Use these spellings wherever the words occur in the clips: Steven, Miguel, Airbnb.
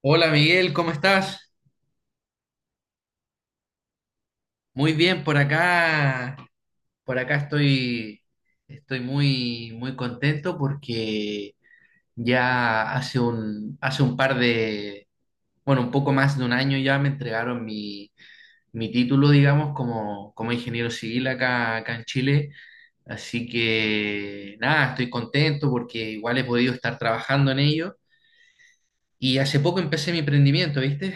Hola Miguel, ¿cómo estás? Muy bien por acá. Por acá estoy, estoy muy, muy contento porque hace un par de, bueno, un poco más de un año ya me entregaron mi título, digamos, como ingeniero civil acá en Chile. Así que nada, estoy contento porque igual he podido estar trabajando en ello. Y hace poco empecé mi emprendimiento, ¿viste?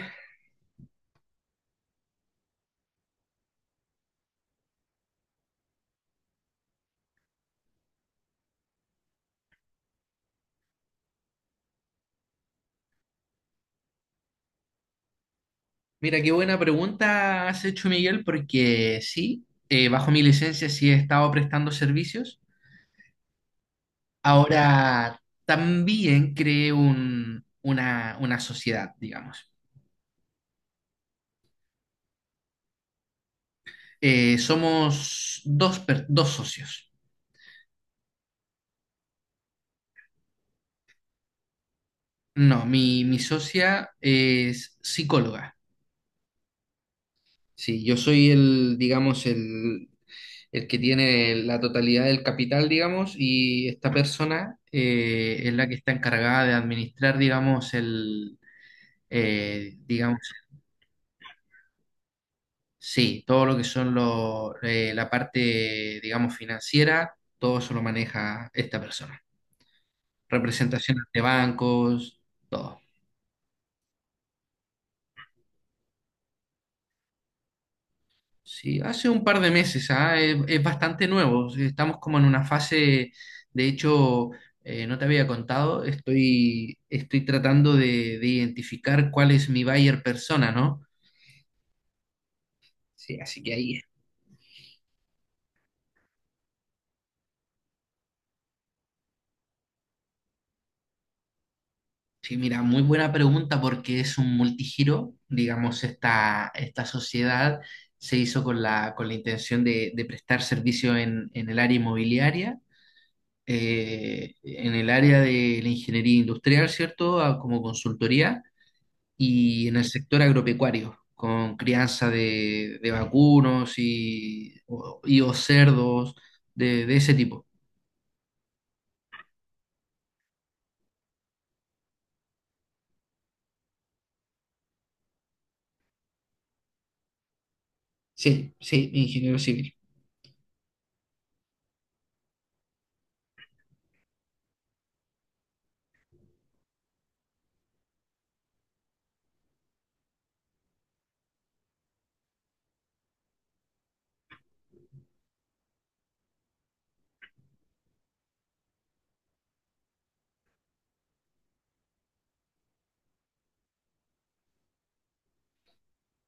Mira, qué buena pregunta has hecho, Miguel, porque sí, bajo mi licencia sí he estado prestando servicios. Ahora también creé una sociedad, digamos. Somos dos, dos socios. No, mi socia es psicóloga. Sí, yo soy el que tiene la totalidad del capital, digamos, y esta persona es la que está encargada de administrar, digamos, eh, digamos, sí, todo lo que son la parte, digamos, financiera, todo eso lo maneja esta persona. Representaciones de bancos, todo. Sí, hace un par de meses, ah, es bastante nuevo. Estamos como en una fase, de hecho, no te había contado, estoy tratando de identificar cuál es mi buyer persona, ¿no? Sí, así que ahí sí, mira, muy buena pregunta porque es un multigiro, digamos, esta sociedad se hizo con con la intención de prestar servicio en el área inmobiliaria, en el área de la ingeniería industrial, ¿cierto? A- como consultoría y en el sector agropecuario, con crianza de vacunos y o cerdos, de ese tipo. Sí, sí, ingeniero civil.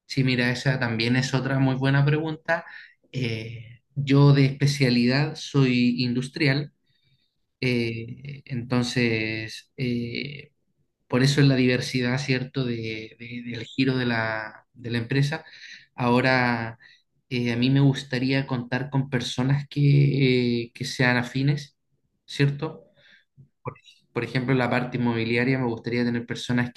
Sí, mira, esa también es otra muy buena pregunta. Yo de especialidad soy industrial, eh, entonces eh, por eso es la diversidad, ¿cierto?, del giro de de la empresa. Ahora, a mí me gustaría contar con personas que sean afines, ¿cierto? Por, por ejemplo, en la parte inmobiliaria me gustaría tener personas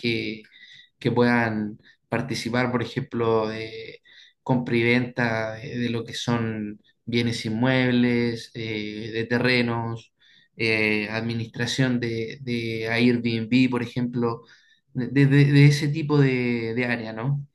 que puedan participar, por ejemplo, de compra y venta de lo que son bienes inmuebles, de terrenos, administración de Airbnb, por ejemplo, de, de ese tipo de área, ¿no?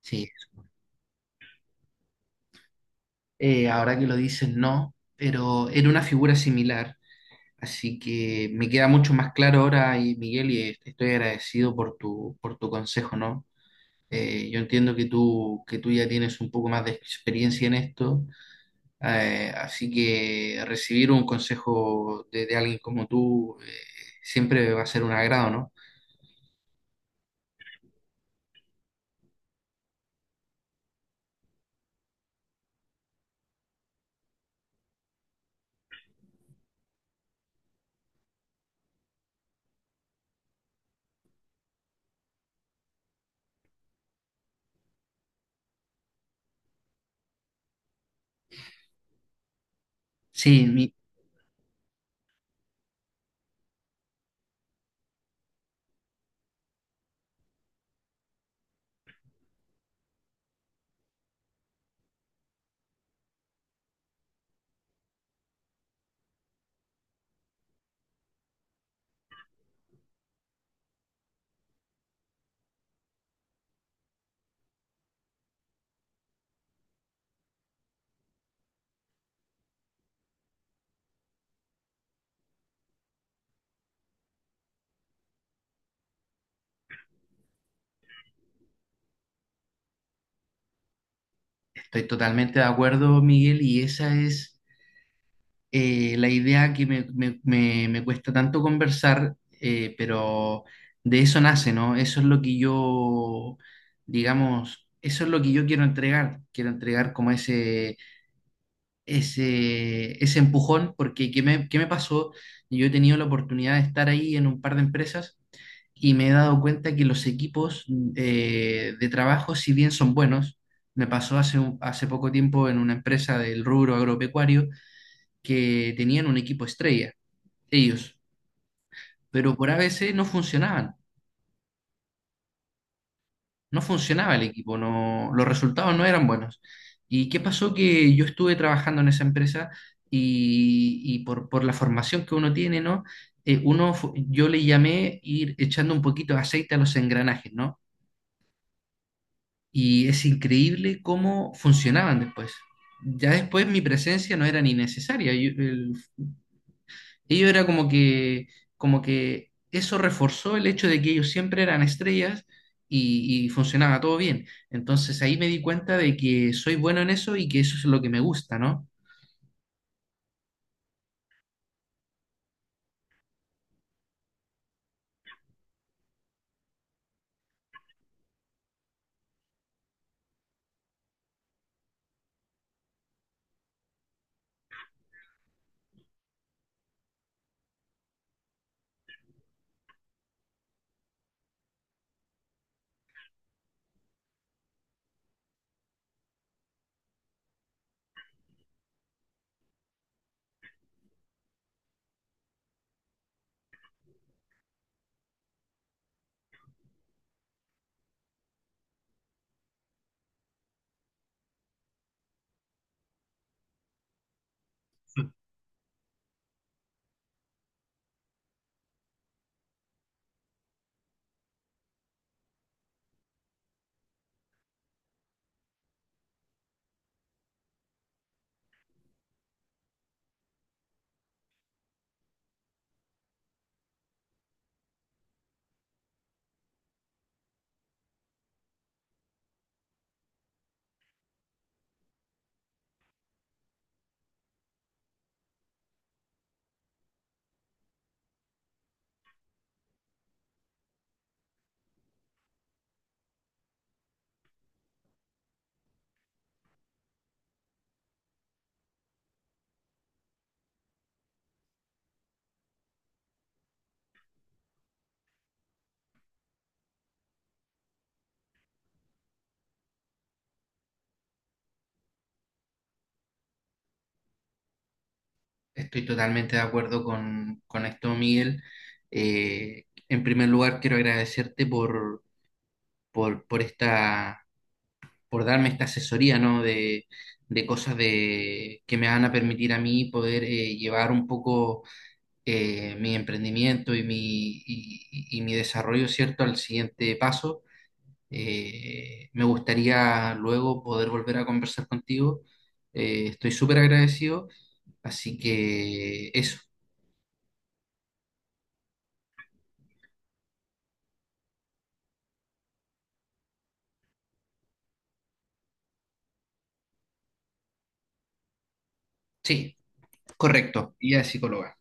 Sí, ahora que lo dices, no, pero era una figura similar. Así que me queda mucho más claro ahora, y Miguel, y estoy agradecido por por tu consejo, ¿no? Yo entiendo que que tú ya tienes un poco más de experiencia en esto, así que recibir un consejo de alguien como tú siempre va a ser un agrado, ¿no? Sí, mi- estoy totalmente de acuerdo, Miguel, y esa es la idea que me cuesta tanto conversar, pero de eso nace, ¿no? Eso es lo que yo, digamos, eso es lo que yo quiero entregar. Quiero entregar como ese empujón, porque qué me pasó? Yo he tenido la oportunidad de estar ahí en un par de empresas y me he dado cuenta que los equipos de trabajo, si bien son buenos, me pasó hace, un- hace poco tiempo en una empresa del rubro agropecuario que tenían un equipo estrella, ellos, pero por a ABC no funcionaban. No funcionaba el equipo, no, los resultados no eran buenos. ¿Y qué pasó? Que yo estuve trabajando en esa empresa y por la formación que uno tiene, ¿no? Uno, fu- yo le llamé ir echando un poquito de aceite a los engranajes, ¿no? Y es increíble cómo funcionaban después. Ya después mi presencia no era ni necesaria. Yo- el ellos era como que eso reforzó el hecho de que ellos siempre eran estrellas y funcionaba todo bien. Entonces ahí me di cuenta de que soy bueno en eso y que eso es lo que me gusta, ¿no? Estoy totalmente de acuerdo con esto, Miguel. En primer lugar, quiero agradecerte por esta, por darme esta asesoría, ¿no? De cosas de, que me van a permitir a mí poder llevar un poco mi emprendimiento y y mi desarrollo, ¿cierto?, al siguiente paso. Me gustaría luego poder volver a conversar contigo. Estoy súper agradecido. Así que eso, sí, correcto, y guía psicóloga.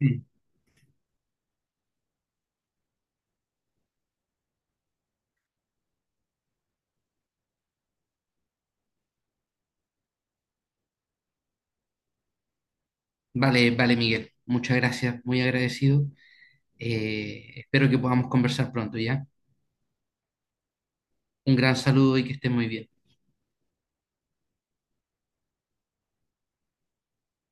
Mm. Vale, vale, Miguel. Muchas gracias, muy agradecido. Espero que podamos conversar pronto, ¿ya? Un gran saludo y que estés muy bien.